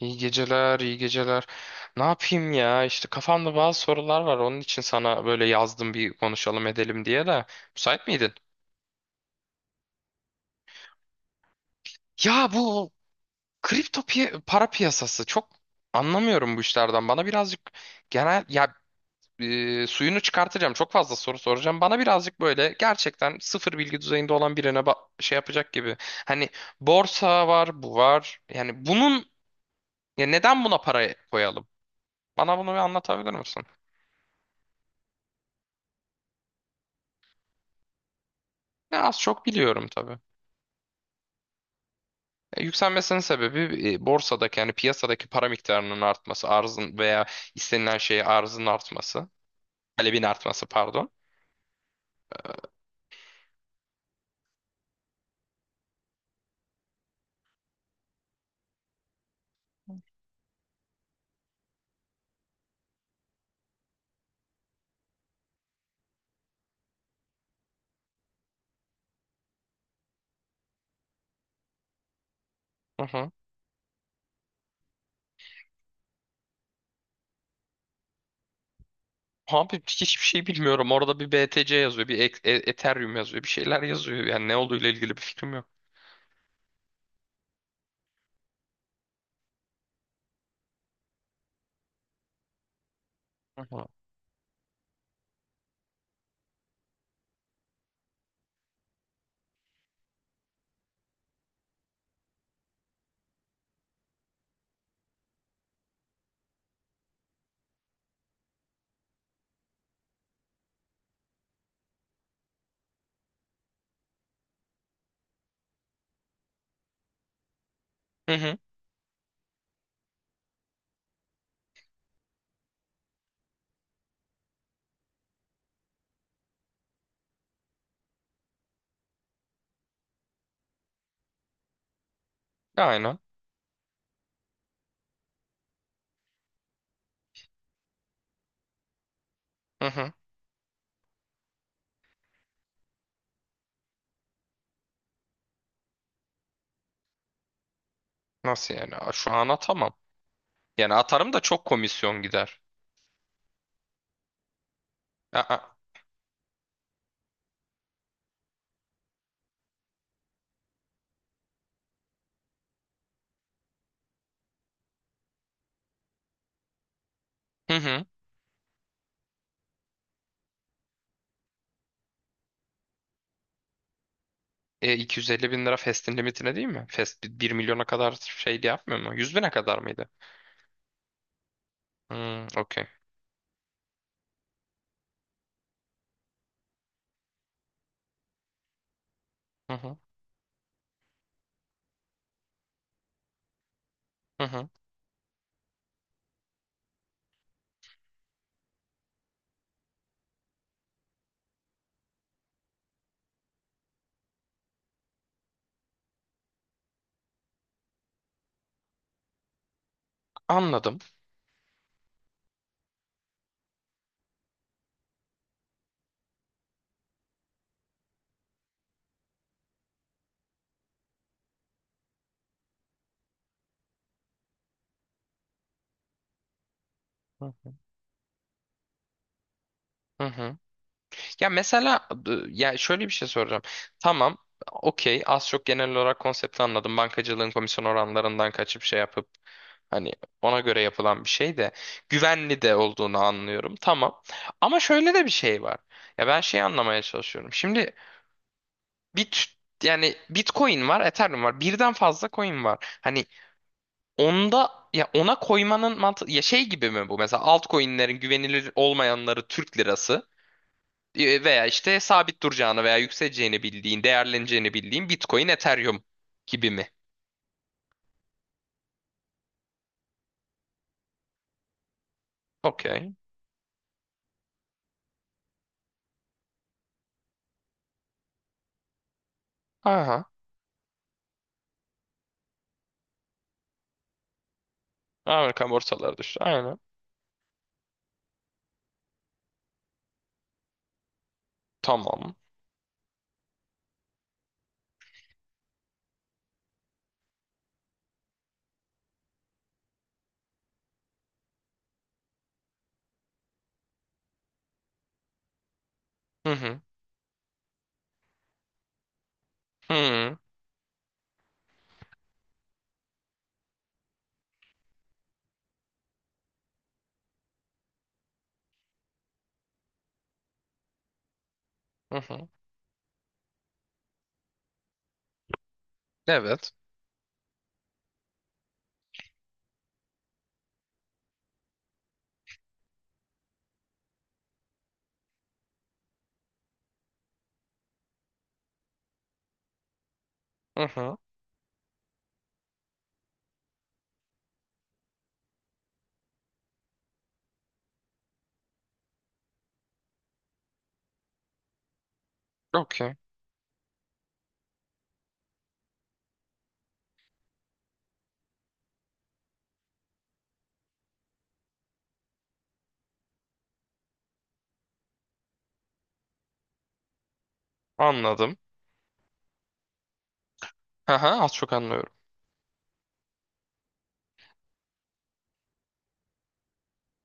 İyi geceler, iyi geceler. Ne yapayım ya? İşte kafamda bazı sorular var. Onun için sana böyle yazdım bir konuşalım edelim diye de. Müsait miydin? Ya bu para piyasası çok anlamıyorum bu işlerden. Bana birazcık genel ya suyunu çıkartacağım. Çok fazla soru soracağım. Bana birazcık böyle gerçekten sıfır bilgi düzeyinde olan birine şey yapacak gibi. Hani borsa var, bu var. Yani bunun ya neden buna para koyalım? Bana bunu bir anlatabilir misin? Ya az çok biliyorum tabii. E, Yükselmesinin sebebi borsadaki yani piyasadaki para miktarının artması, arzın veya istenilen şeye arzın artması, talebin artması pardon. Hı hı. Abi hiçbir şey bilmiyorum. Orada bir BTC yazıyor, bir Ethereum yazıyor, bir şeyler yazıyor. Yani ne olduğuyla ilgili bir fikrim yok. Hı hı. Hı hı. Aynen. Hı hı. Nasıl yani? Aa, Şu an atamam. Yani atarım da çok komisyon gider. Aa. Hı hı. E, 250 bin lira Fest'in limitine değil mi? Fest bir milyona kadar şey yapmıyor mu? 100 bine kadar mıydı? Hmm, okey. Hı hı. Hı. Anladım. Hı hı. Hı. Ya mesela ya şöyle bir şey soracağım. Tamam. Okey. Az çok genel olarak konsepti anladım. Bankacılığın komisyon oranlarından kaçıp şey yapıp hani ona göre yapılan bir şey de güvenli de olduğunu anlıyorum. Tamam. Ama şöyle de bir şey var. Ya ben şeyi anlamaya çalışıyorum. Şimdi bit yani Bitcoin var, Ethereum var. Birden fazla coin var. Hani onda ya ona koymanın mantığı ya şey gibi mi bu? Mesela altcoin'lerin güvenilir olmayanları Türk lirası veya işte sabit duracağını veya yükseleceğini bildiğin, değerleneceğini bildiğin Bitcoin, Ethereum gibi mi? Okey. Aha. Amerika borsaları düştü. Aynen. Tamam. Hı hı. Hı hı. Hı hı. Evet. Hı hı. Okey. Anladım. Aha. Az çok anlıyorum.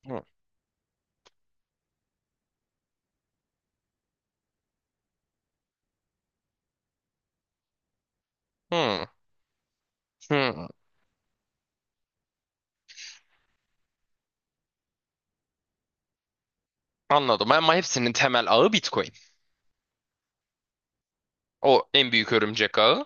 Hı. Hı. Hı. Anladım. Ama hepsinin temel ağı Bitcoin. O en büyük örümcek ağı.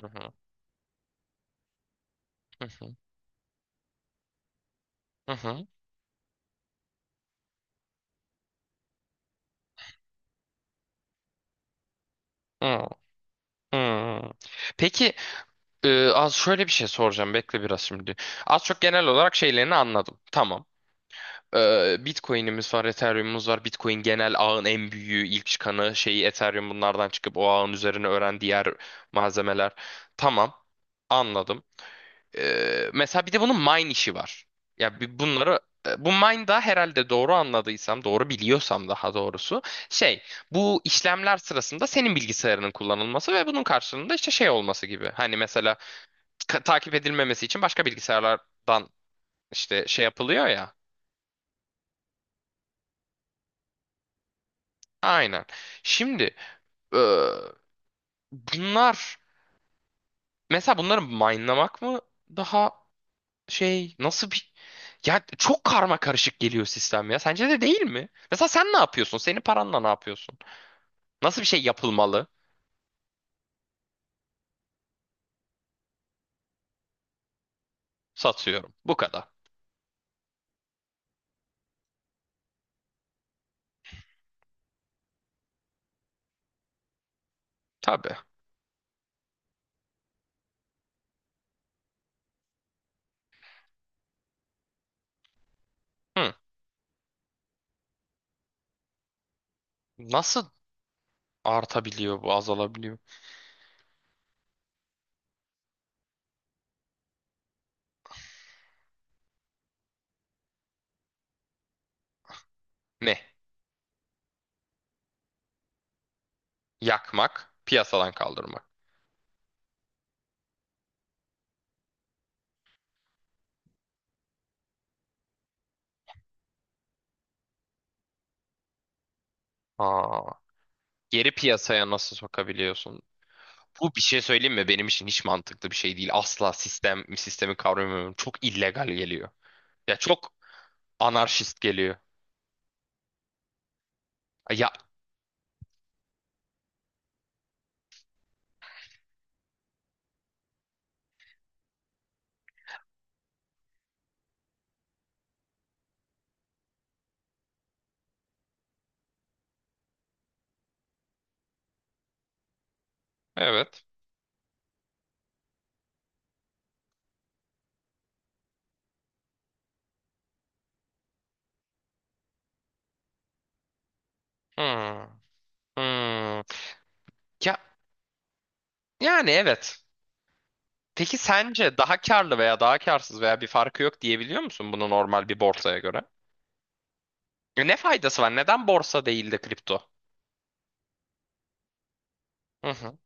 Hı hı. Hı hı. Hı hı. Hı. Hmm. Peki az şöyle bir şey soracağım bekle biraz şimdi. Az çok genel olarak şeylerini anladım. Tamam. E, Bitcoin'imiz var, Ethereum'umuz var. Bitcoin genel ağın en büyüğü, ilk çıkanı şeyi Ethereum bunlardan çıkıp o ağın üzerine öğren diğer malzemeler. Tamam. Anladım. Mesela bir de bunun mine işi var. Ya bir bunları bu mine da herhalde doğru anladıysam, doğru biliyorsam daha doğrusu şey bu işlemler sırasında senin bilgisayarının kullanılması ve bunun karşılığında işte şey olması gibi. Hani mesela takip edilmemesi için başka bilgisayarlardan işte şey yapılıyor ya. Aynen. Şimdi e, bunlar mesela bunları minelamak mı daha şey nasıl bir ya çok karma karışık geliyor sistem ya. Sence de değil mi? Mesela sen ne yapıyorsun? Senin paranla ne yapıyorsun? Nasıl bir şey yapılmalı? Satıyorum. Bu kadar. Tabii. Hı. Nasıl artabiliyor bu, azalabiliyor? Ne? Yakmak, piyasadan kaldırmak. Aa, geri piyasaya nasıl sokabiliyorsun? Bu bir şey söyleyeyim mi? Benim için hiç mantıklı bir şey değil. Asla sistem, sistemi kavramıyorum. Çok illegal geliyor. Ya çok anarşist geliyor. Ya evet. Hmm. Hmm. Ya, yani evet. Peki sence daha karlı veya daha karsız veya bir farkı yok diyebiliyor musun bunu normal bir borsaya göre? E, ne faydası var? Neden borsa değil de kripto? Hı hı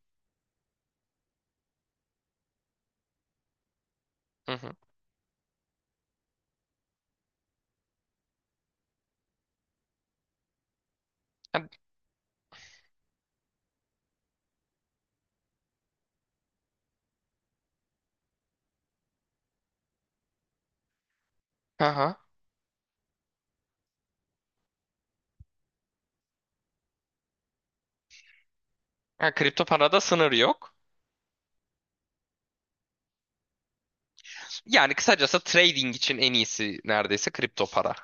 hı hı. Ha, hı hı. Ha, kripto parada sınır yok. Yani kısacası trading için en iyisi neredeyse kripto para.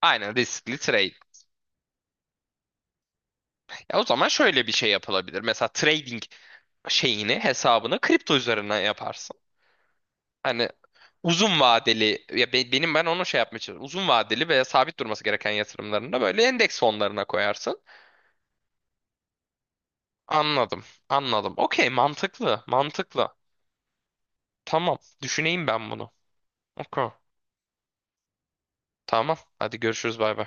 Aynen riskli trade. Ya o zaman şöyle bir şey yapılabilir. Mesela trading şeyini hesabını kripto üzerinden yaparsın. Hani uzun vadeli ya benim ben onu şey yapmaya çalışıyorum. Uzun vadeli ve sabit durması gereken yatırımlarını da böyle endeks fonlarına koyarsın. Anladım. Anladım. Okey, mantıklı. Mantıklı. Tamam. Düşüneyim ben bunu. Okey. Tamam. Hadi görüşürüz bay bay.